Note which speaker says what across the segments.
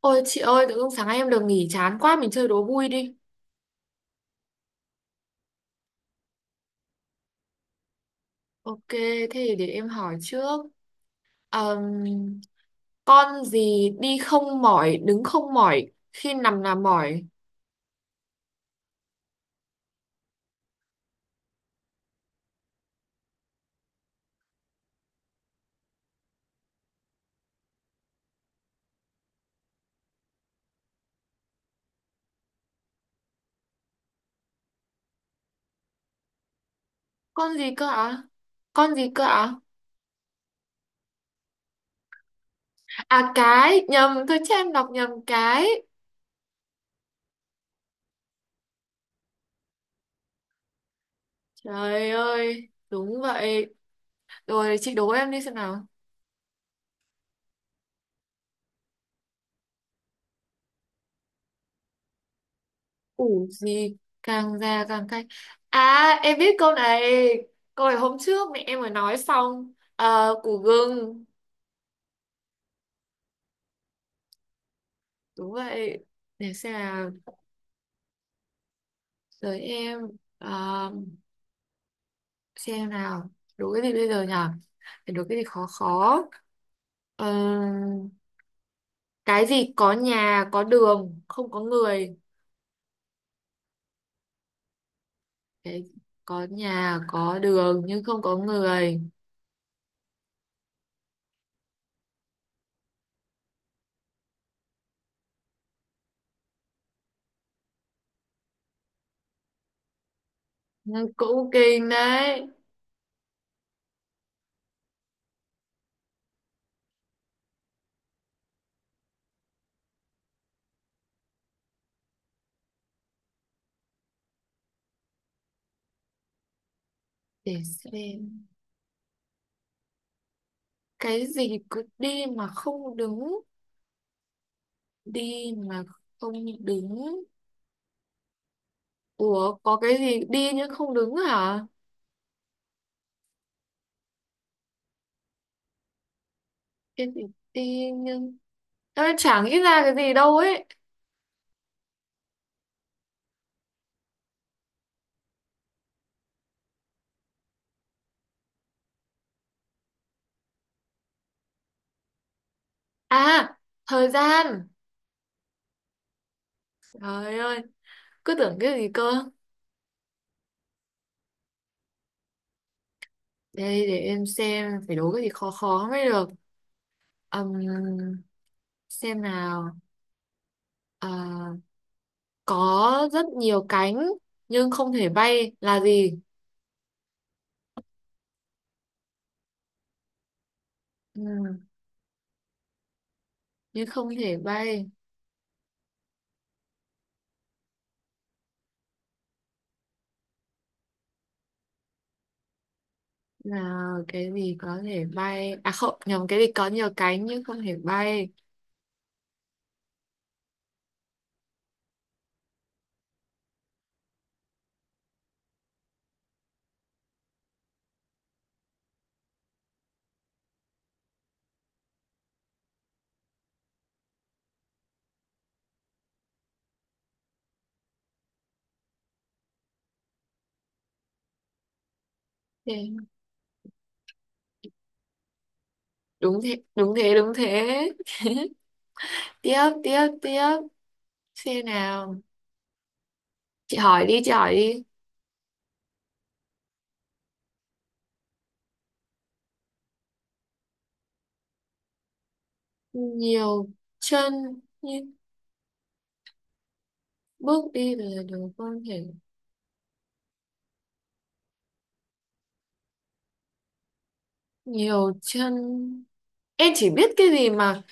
Speaker 1: Ôi chị ơi, tự dưng sáng nay em được nghỉ chán quá, mình chơi đố vui đi. Ok, thế thì để em hỏi trước. Ờm, con gì đi không mỏi, đứng không mỏi, khi nằm là mỏi. Con gì cơ ạ? Con gì cơ ạ? À cái, nhầm, thôi chứ em đọc nhầm cái. Trời ơi, đúng vậy. Rồi chị đố em đi xem nào. Củ gì càng già càng cay. À, em biết câu này. Câu này hôm trước mẹ em mới nói xong. Ờ, củ gừng. Đúng vậy. Để xem nào, tới em. Ờ, xem nào, đủ cái gì bây giờ nhở, phải đủ cái gì khó khó. Ờ, cái gì có nhà có đường không có người, cái có nhà có đường nhưng không có người. Ừ, cũng kinh đấy. Để xem, cái gì cứ đi mà không đứng, đi mà không đứng. Ủa có cái gì đi nhưng không đứng hả? Cái gì đi nhưng... Ơi, chẳng nghĩ ra cái gì đâu ấy. À, thời gian. Trời ơi, cứ tưởng cái gì cơ. Đây, để em xem, phải đố cái gì khó khó mới được. Ừm, xem nào. À, có rất nhiều cánh, nhưng không thể bay là gì? Ừm, nhưng không thể bay là cái gì có thể bay? À không, nhầm, cái gì có nhiều cánh nhưng không thể bay. Thế- Đúng thế, đúng thế, đúng thế. Tiếp, tiếp, tiếp. Xem nào. Chị hỏi đi, chị hỏi đi. Nhiều chân nhưng bước đi là điều quan hệ. Nhiều chân, em chỉ biết cái gì mà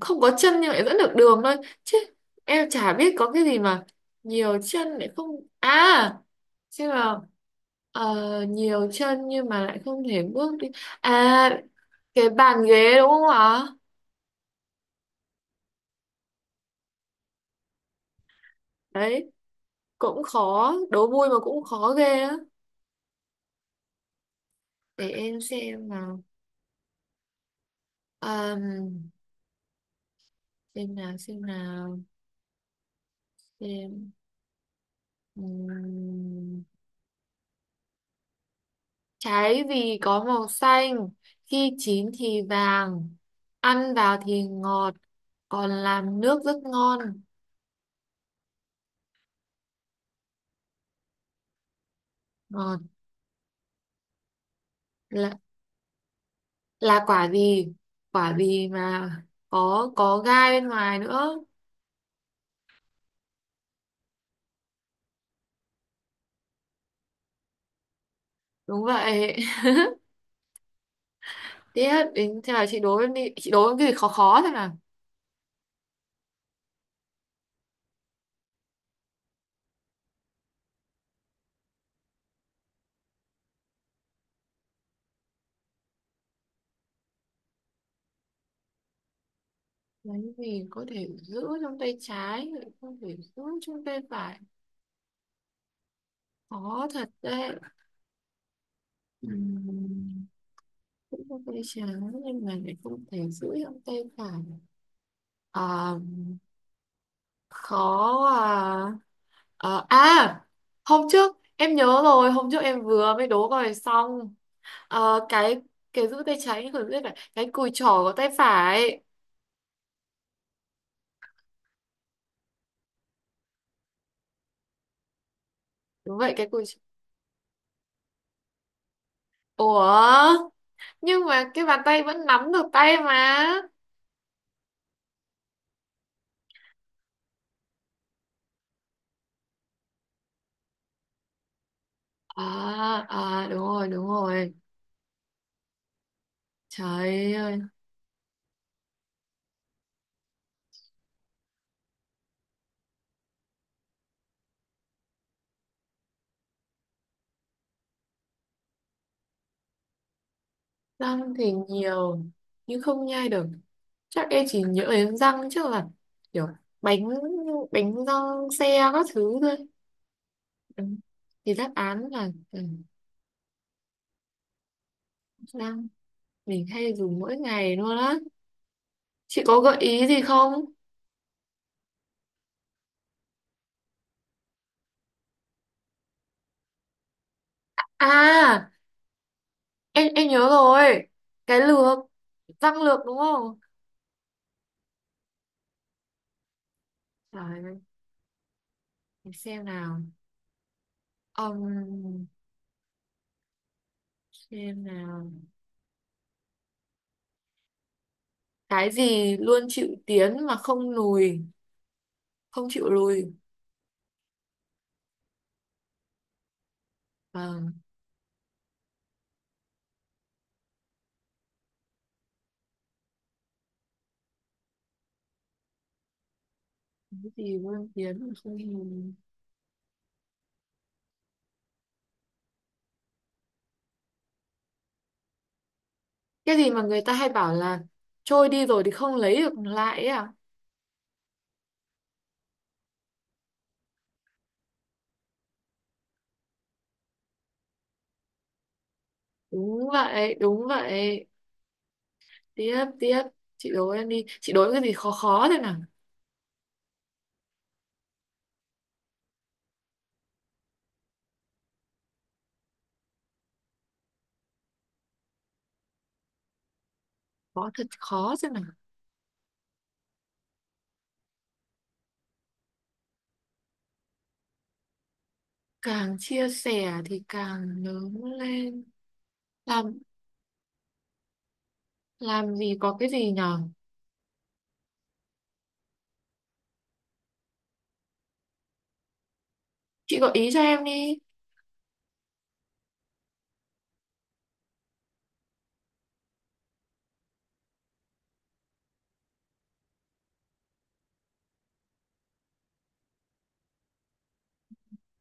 Speaker 1: không có chân nhưng lại dẫn được đường thôi, chứ em chả biết có cái gì mà nhiều chân lại không à. Chứ mà ờ, nhiều chân nhưng mà lại không thể bước đi. À, cái bàn ghế đúng không ạ? Đấy. Cũng khó, đố vui mà cũng khó ghê á. Để em xem nào. Ờm, xem nào, xem nào, xem Ừm, trái vì có màu xanh, khi chín thì vàng, ăn vào thì ngọt, còn làm nước rất ngon. Ngọt, là, là quả gì? Quả gì mà có gai bên ngoài nữa. Đúng vậy. Tiếp đến thế là chị đố em đi, chị đố em cái gì khó khó thế nào. Cái gì có thể giữ trong tay trái, lại không thể giữ trong tay phải. Khó thật đấy. Ừm, Cũng có tay trái nhưng mà lại không thể giữ trong tay phải. À, khó à. Ờ, à, hôm trước em nhớ rồi, hôm trước em vừa mới đố rồi xong. Ờ, cái giữ tay trái nhưng còn giữ tay phải, cái cùi chỏ có tay phải. Đúng vậy, cái cùi chỏ. Ủa nhưng mà cái bàn tay vẫn nắm được tay mà. À, à đúng rồi, đúng rồi. Trời ơi. Răng thì nhiều nhưng không nhai được. Chắc em chỉ nhớ đến răng chứ, là kiểu bánh bánh răng xe các thứ thôi. Ừ. Thì đáp án là ừ, răng mình hay dùng mỗi ngày luôn á. Chị có gợi ý gì không? À, em nhớ rồi. Cái lược, răng lược đúng không? Trời ơi, để xem nào. Ừm, xem nào. Cái gì luôn chịu tiến mà không lùi, không chịu lùi. Vâng. Cái gì vương kiến mà không nhìn, cái gì mà người ta hay bảo là trôi đi rồi thì không lấy được lại ấy à. Đúng vậy, đúng vậy. Tiếp, tiếp, chị đố em đi, chị đố em cái gì khó khó thế nào. Khó thật, khó thế nào. Càng chia sẻ thì càng lớn lên. làm làm gì có cái gì nhở? Chị gợi ý cho em đi.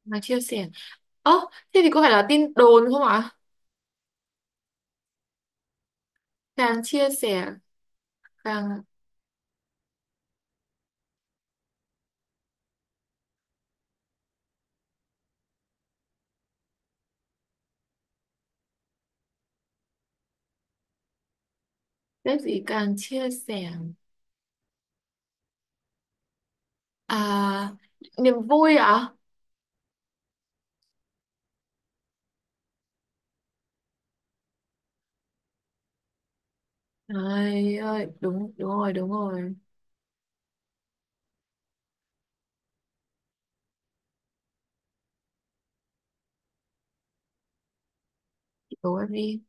Speaker 1: Mà chia sẻ, ơ, thế thì có phải là tin đồn không ạ? Càng chia sẻ càng, cái gì càng chia sẻ. À, niềm vui ạ. Ai ơi, đúng, đúng rồi, đúng rồi. Chị đố em đi.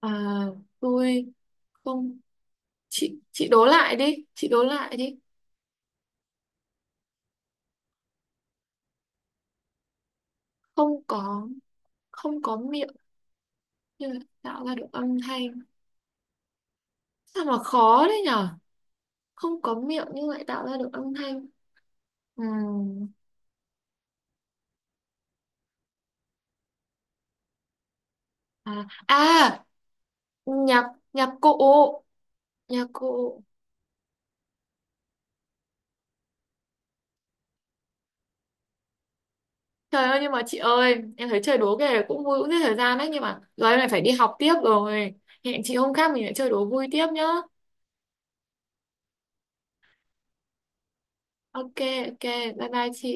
Speaker 1: À, tôi không, chị chị đố lại đi, chị đố lại đi. Không có Không có miệng nhưng lại tạo ra được âm thanh. Sao mà khó đấy nhở? Không có miệng nhưng lại tạo ra được âm thanh. Ừm, À, à, nhạc nhạc cụ, nhạc cụ. Trời ơi nhưng mà chị ơi, em thấy chơi đố cái này cũng vui, cũng giết thời gian đấy nhưng mà giờ em lại phải đi học tiếp rồi. Hẹn chị hôm khác mình lại chơi đố vui tiếp nhá. Ok, ok. Bye bye chị.